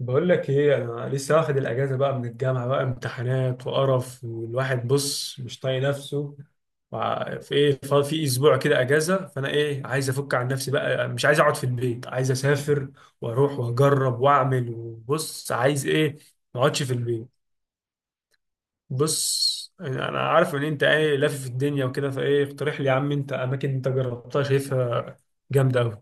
بقول لك ايه، انا لسه واخد الاجازه بقى من الجامعه، بقى امتحانات وقرف والواحد بص مش طايق نفسه. في ايه، في اسبوع كده اجازه، فانا ايه عايز افك عن نفسي بقى، مش عايز اقعد في البيت، عايز اسافر واروح واجرب واعمل، وبص عايز ايه. ما اقعدش في البيت. بص انا عارف ان انت ايه لافف الدنيا وكده، فايه اقترح لي يا عم، انت اماكن انت جربتها شايفها جامده قوي.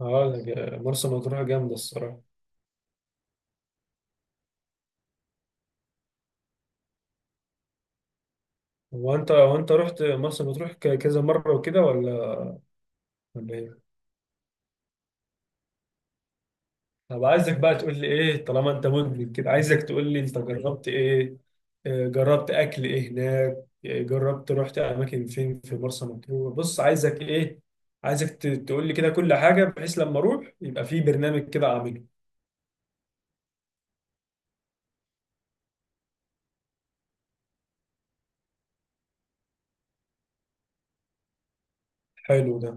اه لا، مرسى مطروح جامده الصراحه. هو انت رحت مرسى مطروح كذا مره وكده، ولا ولا ايه؟ طب عايزك بقى تقول لي ايه، طالما انت مدمن كده عايزك تقول لي، انت جربت ايه؟ جربت اكل ايه هناك؟ آه، جربت رحت اماكن فين في مرسى مطروح؟ بص عايزك ايه؟ عايزك تقول لي كده كل حاجه، بحيث لما اروح يبقى في برنامج كده اعمله. حلو ده.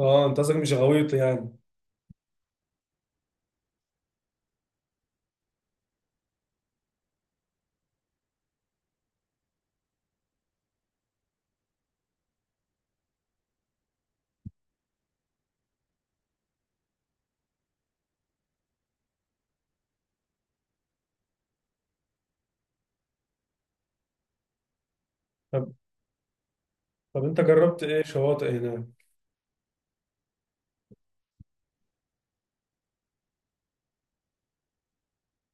اه، انت قصدك مش غويط يعني. طب طب انت جربت ايه شواطئ هناك؟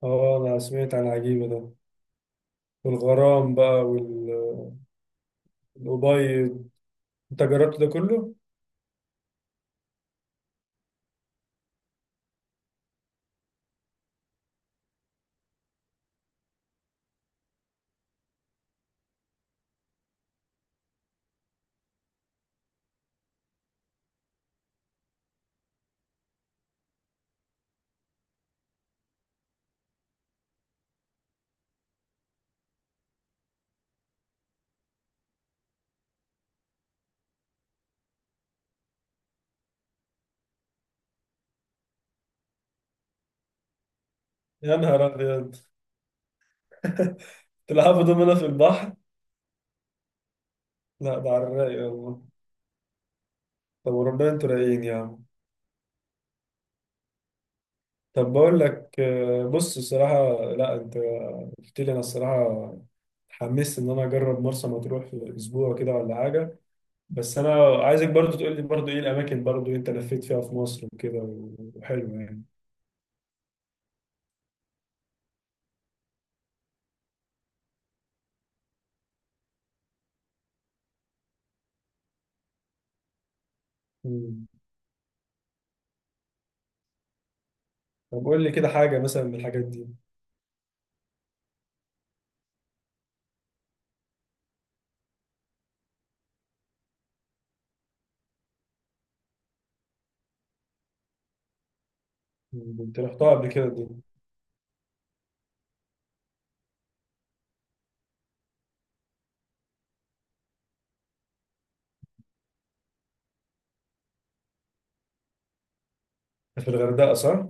اه انا سمعت عن عجيبه ده. والغرام بقى الأبيض. انت جربت ده كله؟ يا نهار ابيض. تلعبوا دومنا في البحر؟ لا، ده على الرايق والله. طب وربنا انتوا رايقين يا عم. طب بقول لك، بص الصراحة، لا انت قلت لي انا الصراحة اتحمست ان انا اجرب مرسى مطروح في اسبوع كده ولا حاجة. بس انا عايزك برضو تقول لي برضو ايه الاماكن برضو انت لفيت فيها في مصر وكده، وحلوة يعني. مم. طب قول لي كده حاجة مثلا من الحاجات دي. مم. انت رحتها قبل كده دي؟ في الغردقة صح؟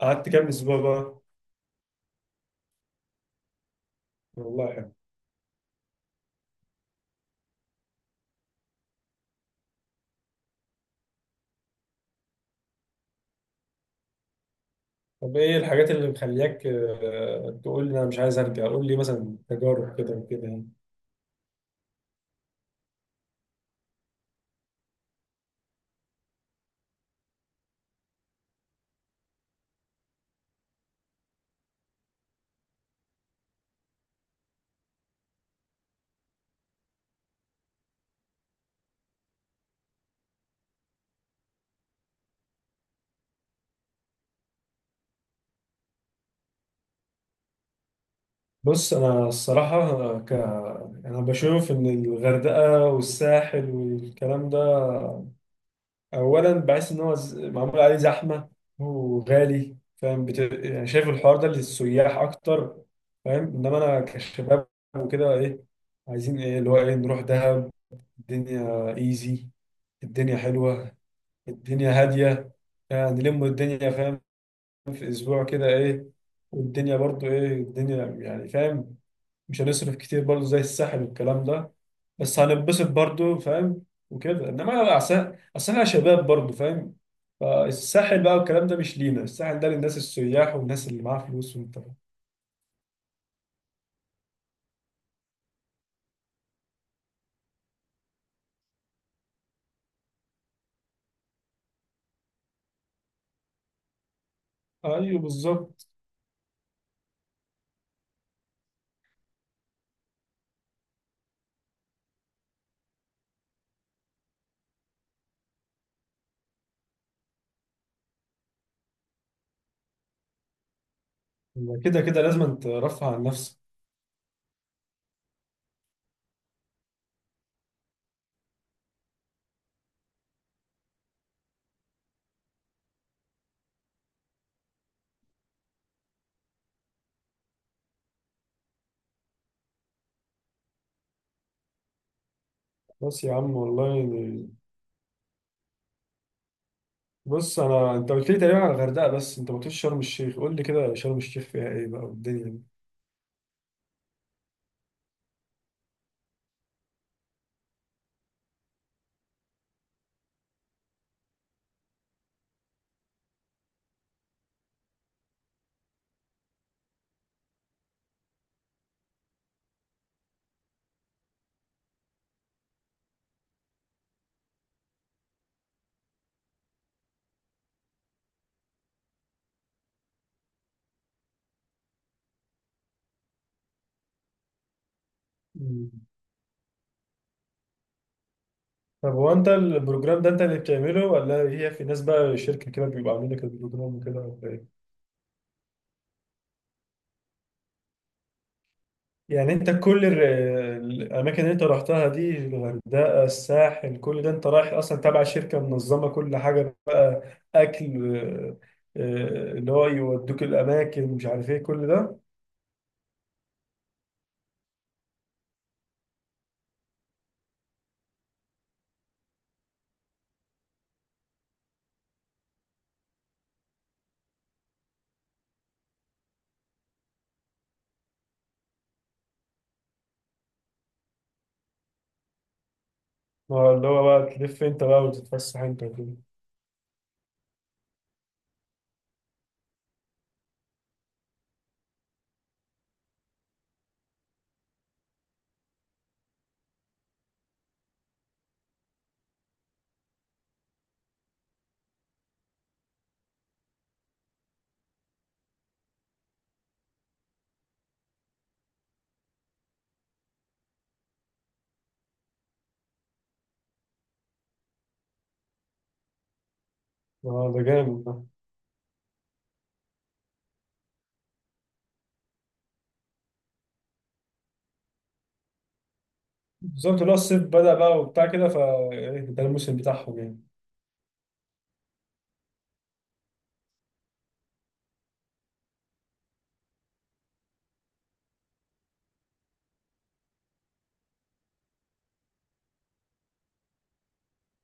قعدت كام اسبوع بقى؟ والله. طب ايه الحاجات اللي مخلياك تقول لي انا مش عايز ارجع، قول لي مثلا تجارب كده وكده يعني. بص انا الصراحه أنا انا بشوف ان الغردقه والساحل والكلام ده، اولا بحس ان هو معمول عليه زحمه وغالي، فاهم، يعني شايف الحوار ده للسياح اكتر، فاهم. انما انا كشباب وكده ايه، عايزين ايه اللي هو ايه، نروح دهب. الدنيا ايزي، الدنيا حلوه، الدنيا هاديه، يعني نلم الدنيا، فاهم، في اسبوع كده ايه، والدنيا برضو ايه الدنيا يعني، فاهم. مش هنصرف كتير برضو زي الساحل والكلام ده، بس هنتبسط برضو، فاهم، وكده. انما لو عسل اصل احنا شباب برضو، فاهم، فالساحل بقى والكلام ده مش لينا، الساحل ده للناس السياح والناس اللي معاها فلوس وانت. ايوه بالظبط. كده كده لازم ترفع عن نفسك. بس يا عم والله يعني. بص انت قلت لي تقريبا على الغردقه، بس انت ما قلتليش شرم الشيخ، قول لي كده شرم الشيخ فيها ايه بقى والدنيا دي. طب هو انت البروجرام ده انت اللي بتعمله، ولا هي في ناس بقى شركة كده بيبقى عاملين لك البروجرام وكده، ولا ايه؟ يعني انت كل الاماكن اللي انت رحتها دي، الغردقة الساحل كل ده انت رايح اصلا تابع شركة منظمة كل حاجة بقى، اكل، اللي هو يودوك الاماكن، مش عارف ايه كل ده. اللي هو بقى تلف انت بقى وتتفسح انت وكده. اه، ده جامد ده. بالظبط، اللي هو الصيف بدأ بقى وبتاع كده، فده الموسم بتاعهم يعني.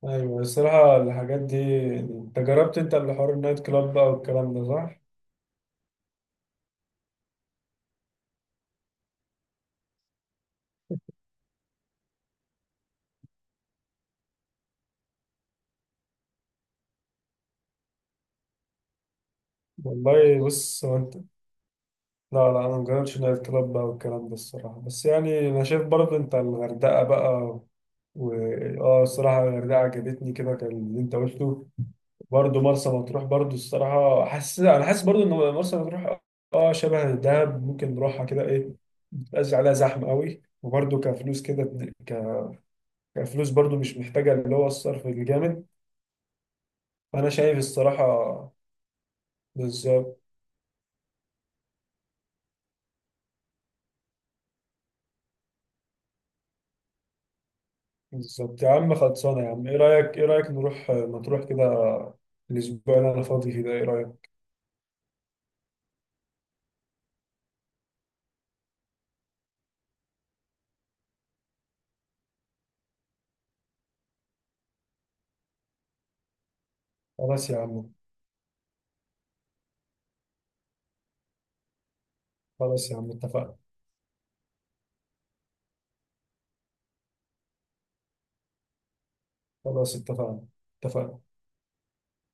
ايوه الصراحه، الحاجات دي انت جربت، انت اللي حوار النايت كلاب بقى والكلام ده صح؟ والله، بص هو انت. لا، لا، انا مجربتش نايت كلاب بقى والكلام ده الصراحه، بس يعني انا شايف برضه انت الغردقه بقى و... اه الصراحه الغردقه عجبتني، كده كان اللي انت قلته، برضه مرسى مطروح. برضه الصراحه، انا حاسس برضه ان مرسى مطروح اه شبه دهب، ممكن نروحها كده ايه. مبقاش عليها زحمه قوي، وبرضه كفلوس كده، ك... كفلوس برضه مش محتاجه اللي هو الصرف الجامد. انا شايف الصراحه. بالظبط. بالظبط يا عم، خلصانه يا عم، ايه رايك نروح مطروح كده، الاسبوع اللي انا فاضي فيه ده، ايه رايك. خلاص يا عم. خلاص يا عم اتفقنا. خلاص اتفقنا. اتفقنا.